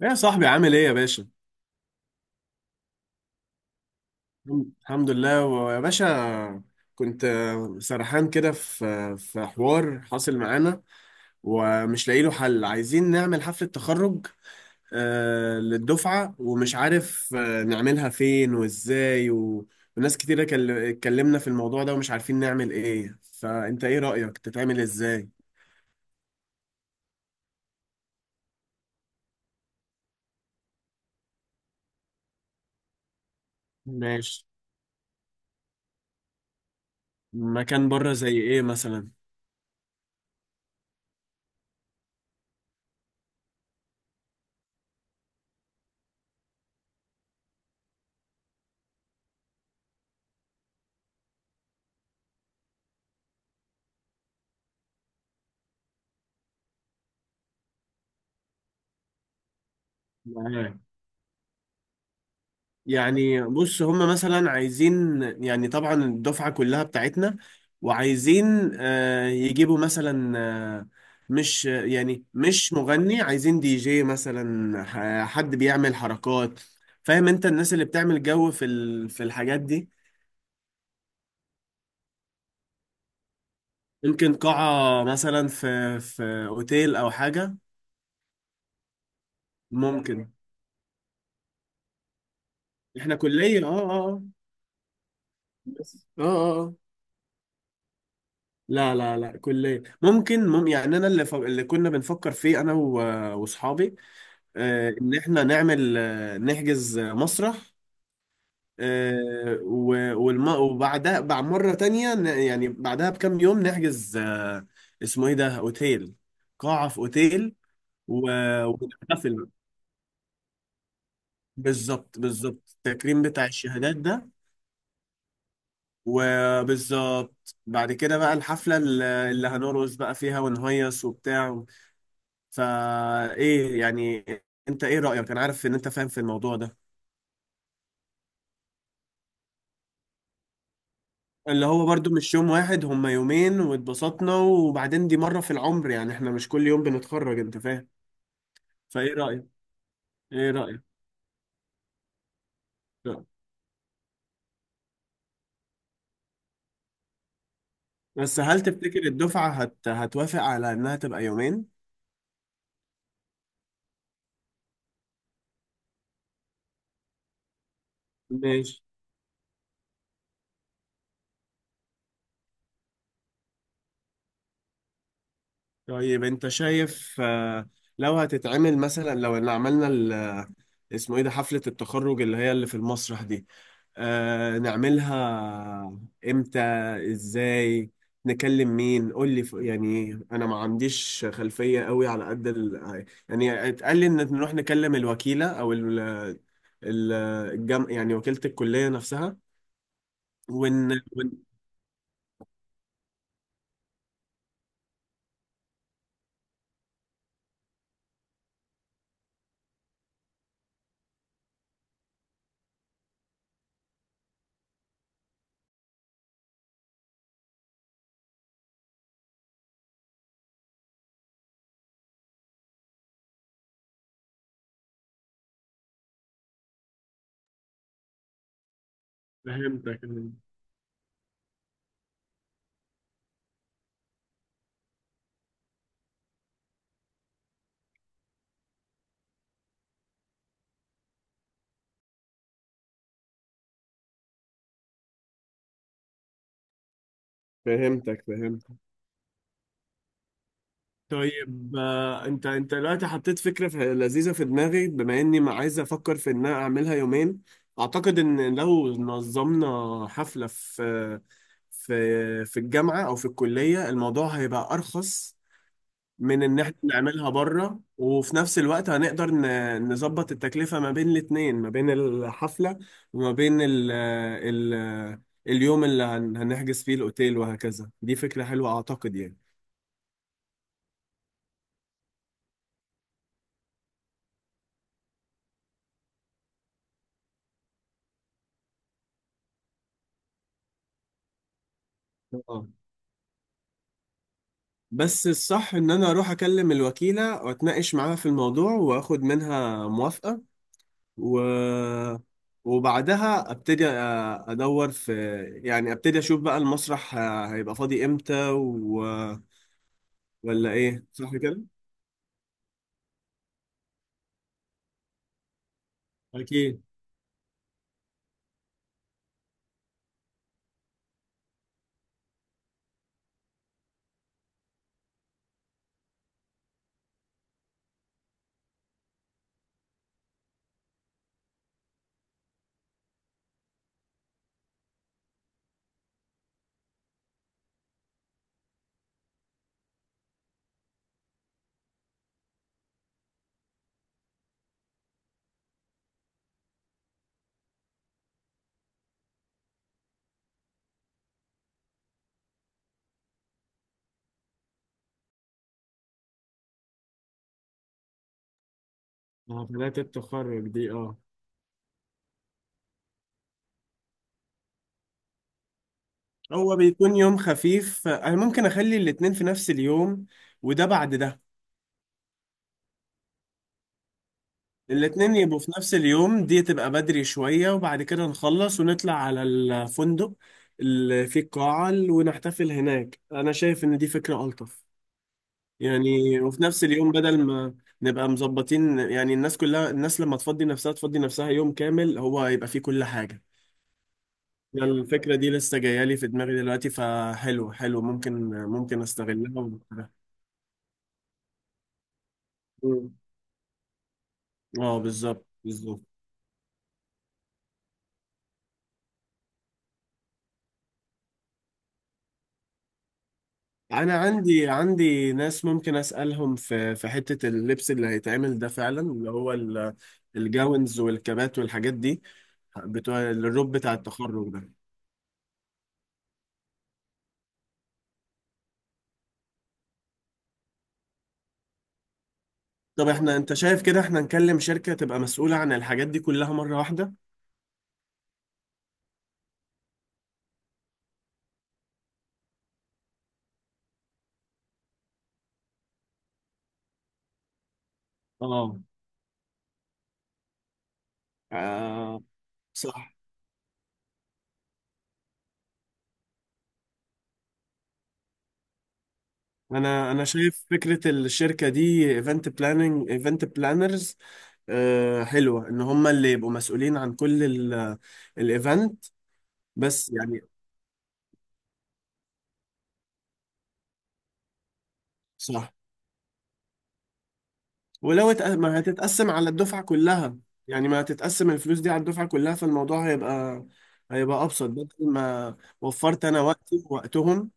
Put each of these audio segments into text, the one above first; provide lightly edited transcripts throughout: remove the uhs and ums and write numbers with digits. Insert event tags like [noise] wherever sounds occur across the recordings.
يا صاحبي، عامل ايه يا باشا؟ الحمد لله ويا باشا. كنت سرحان كده في حوار حاصل معانا ومش لاقي له حل. عايزين نعمل حفلة تخرج للدفعة، ومش عارف نعملها فين وازاي وناس كتيرة اتكلمنا في الموضوع ده ومش عارفين نعمل ايه. فانت ايه رأيك تتعمل ازاي؟ ماشي. مكان بره زي ايه مثلا؟ معاك. يعني بص، هم مثلا عايزين، يعني طبعا الدفعة كلها بتاعتنا، وعايزين يجيبوا مثلا، آه، مش يعني مش مغني، عايزين دي جي مثلا، حد بيعمل حركات. فاهم، انت الناس اللي بتعمل جو في في الحاجات دي. ممكن قاعة مثلا في اوتيل او حاجة. ممكن. احنا كلية، اه اه بس اه اه لا لا لا، كلية. ممكن يعني، انا اللي اللي كنا بنفكر فيه انا واصحابي، ان احنا نعمل، نحجز مسرح، وبعدها بعد مرة تانية يعني بعدها بكام يوم نحجز، اسمه ايه ده، اوتيل، قاعة في اوتيل. و... ونحتفل. بالظبط بالظبط، التكريم بتاع الشهادات ده. وبالظبط بعد كده بقى الحفلة اللي هنرقص بقى فيها ونهيص وبتاع. فا ايه يعني؟ انت ايه رأيك؟ انا عارف ان انت فاهم في الموضوع ده. اللي هو برضو مش يوم واحد، هما يومين واتبسطنا، وبعدين دي مرة في العمر، يعني احنا مش كل يوم بنتخرج، انت فاهم؟ فايه رأيك؟ ايه رأيك؟ لا. بس هل تفتكر الدفعة هتوافق على انها تبقى يومين؟ ماشي. طيب انت شايف، لو هتتعمل مثلا، لو ان عملنا اسمه ايه ده، حفلة التخرج اللي هي اللي في المسرح دي، نعملها امتى، ازاي، نكلم مين؟ قول لي، يعني انا ما عنديش خلفية قوي على قد يعني اتقال لي ان نروح نكلم الوكيلة او ال- يعني وكيلة الكلية نفسها. ون... ون... فهمتك، فهمتك، فهمتك. طيب انت دلوقتي حطيت فكره في لذيذه في دماغي، بما اني ما عايز افكر في ان انا اعملها يومين. اعتقد ان لو نظمنا حفله في في الجامعه او في الكليه، الموضوع هيبقى ارخص من ان احنا نعملها بره. وفي نفس الوقت هنقدر نظبط التكلفه ما بين الاتنين، ما بين الحفله وما بين ال اليوم اللي هنحجز فيه الاوتيل وهكذا. دي فكره حلوه اعتقد. يعني بس الصح ان انا اروح اكلم الوكيلة واتناقش معاها في الموضوع واخد منها موافقة. و... وبعدها ابتدي ادور في، يعني ابتدي اشوف بقى المسرح هيبقى فاضي امتى، ولا ايه؟ صح كده؟ أكيد. اه، حفلات التخرج دي، اه. هو بيكون يوم خفيف. انا ممكن اخلي الاتنين في نفس اليوم، وده بعد ده. الاتنين يبقوا في نفس اليوم، دي تبقى بدري شوية، وبعد كده نخلص ونطلع على الفندق اللي فيه القاعة ونحتفل هناك. أنا شايف إن دي فكرة ألطف. يعني وفي نفس اليوم، بدل ما نبقى مظبطين يعني، الناس كلها، الناس لما تفضي نفسها تفضي نفسها يوم كامل هو يبقى فيه كل حاجة. يعني الفكرة دي لسه جاية لي في دماغي دلوقتي، فحلو حلو، ممكن ممكن استغلها وأعملها. اه، بالظبط بالظبط. انا عندي ناس ممكن اسالهم في حته اللبس اللي هيتعمل ده فعلا، اللي هو الجاونز والكبات والحاجات دي بتوع الروب بتاع التخرج ده. طب احنا، انت شايف كده احنا نكلم شركه تبقى مسؤوله عن الحاجات دي كلها مره واحده؟ اه، آه صح. انا شايف فكره الشركه دي، ايفنت بلاننج، ايفنت بلانرز، حلوه ان هم اللي يبقوا مسؤولين عن كل الايفنت. بس يعني، صح. ولو ما هتتقسم على الدفعة كلها، يعني ما هتتقسم الفلوس دي على الدفعة كلها، فالموضوع هيبقى أبسط، بدل ما وفرت أنا وقتي ووقتهم.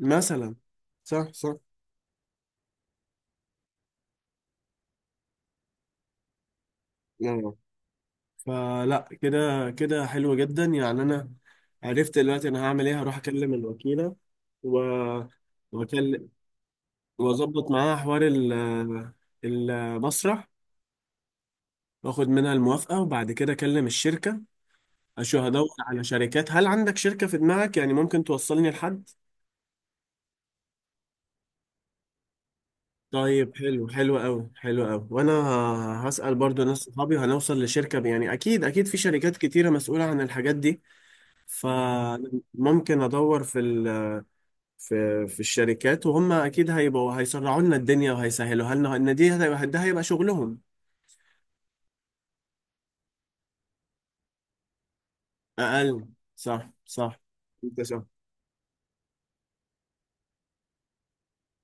ومثلا صح صح آه. فلا كده كده حلو جدا، يعني أنا عرفت دلوقتي أنا هعمل إيه. هروح أكلم الوكيلة و وأكلم وأظبط معاها حوار المسرح وآخد منها الموافقة، وبعد كده أكلم الشركة. شو، هدور على شركات. هل عندك شركة في دماغك يعني ممكن توصلني لحد؟ طيب، حلو، حلو قوي حلو قوي، وانا هسأل برضو ناس صحابي وهنوصل لشركة، يعني اكيد اكيد في شركات كتيرة مسؤولة عن الحاجات دي. فممكن ادور في في الشركات، وهم اكيد هيبقوا هيسرعوا لنا الدنيا وهيسهلوا لنا. ان ده هيبقى شغلهم. اقل، صح صح. انت صح.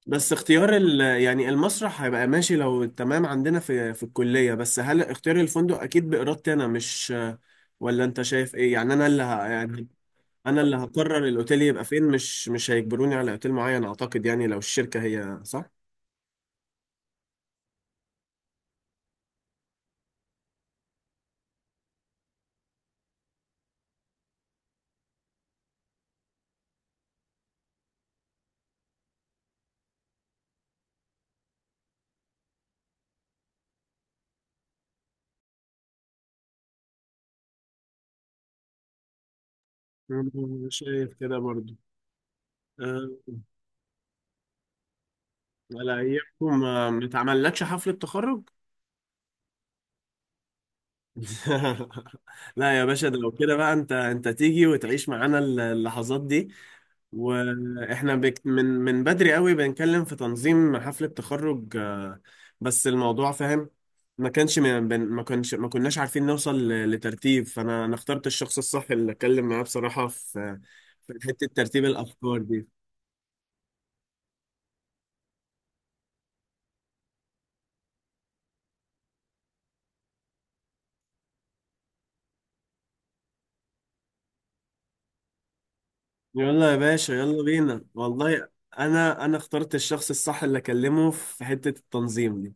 بس اختيار يعني المسرح هيبقى ماشي لو تمام عندنا في الكلية. بس هل اختيار الفندق أكيد بإرادتي أنا، مش، ولا أنت شايف إيه؟ يعني أنا اللي يعني أنا اللي هقرر الأوتيل يبقى فين، مش هيجبروني على أوتيل معين، أعتقد، يعني لو الشركة، هي صح؟ أنا شايف كده برضو. أه، على أيامكم ما اتعملتش حفلة تخرج؟ [laughs] لا يا باشا، ده لو كده بقى انت تيجي وتعيش معانا اللحظات دي. واحنا بك من بدري قوي بنتكلم في تنظيم حفلة تخرج بس الموضوع فاهم. ما كانش من- ما كناش عارفين نوصل لترتيب، فانا اخترت الشخص الصح اللي اتكلم معاه بصراحة في في حتة ترتيب الافكار دي. يلا يا باشا، يلا بينا والله. انا اخترت الشخص الصح اللي اكلمه في حتة التنظيم دي.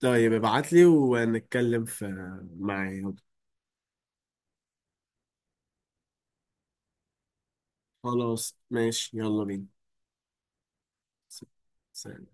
طيب ابعت لي ونتكلم في، معايا. خلاص، ماشي، يلا بينا. س- سلام.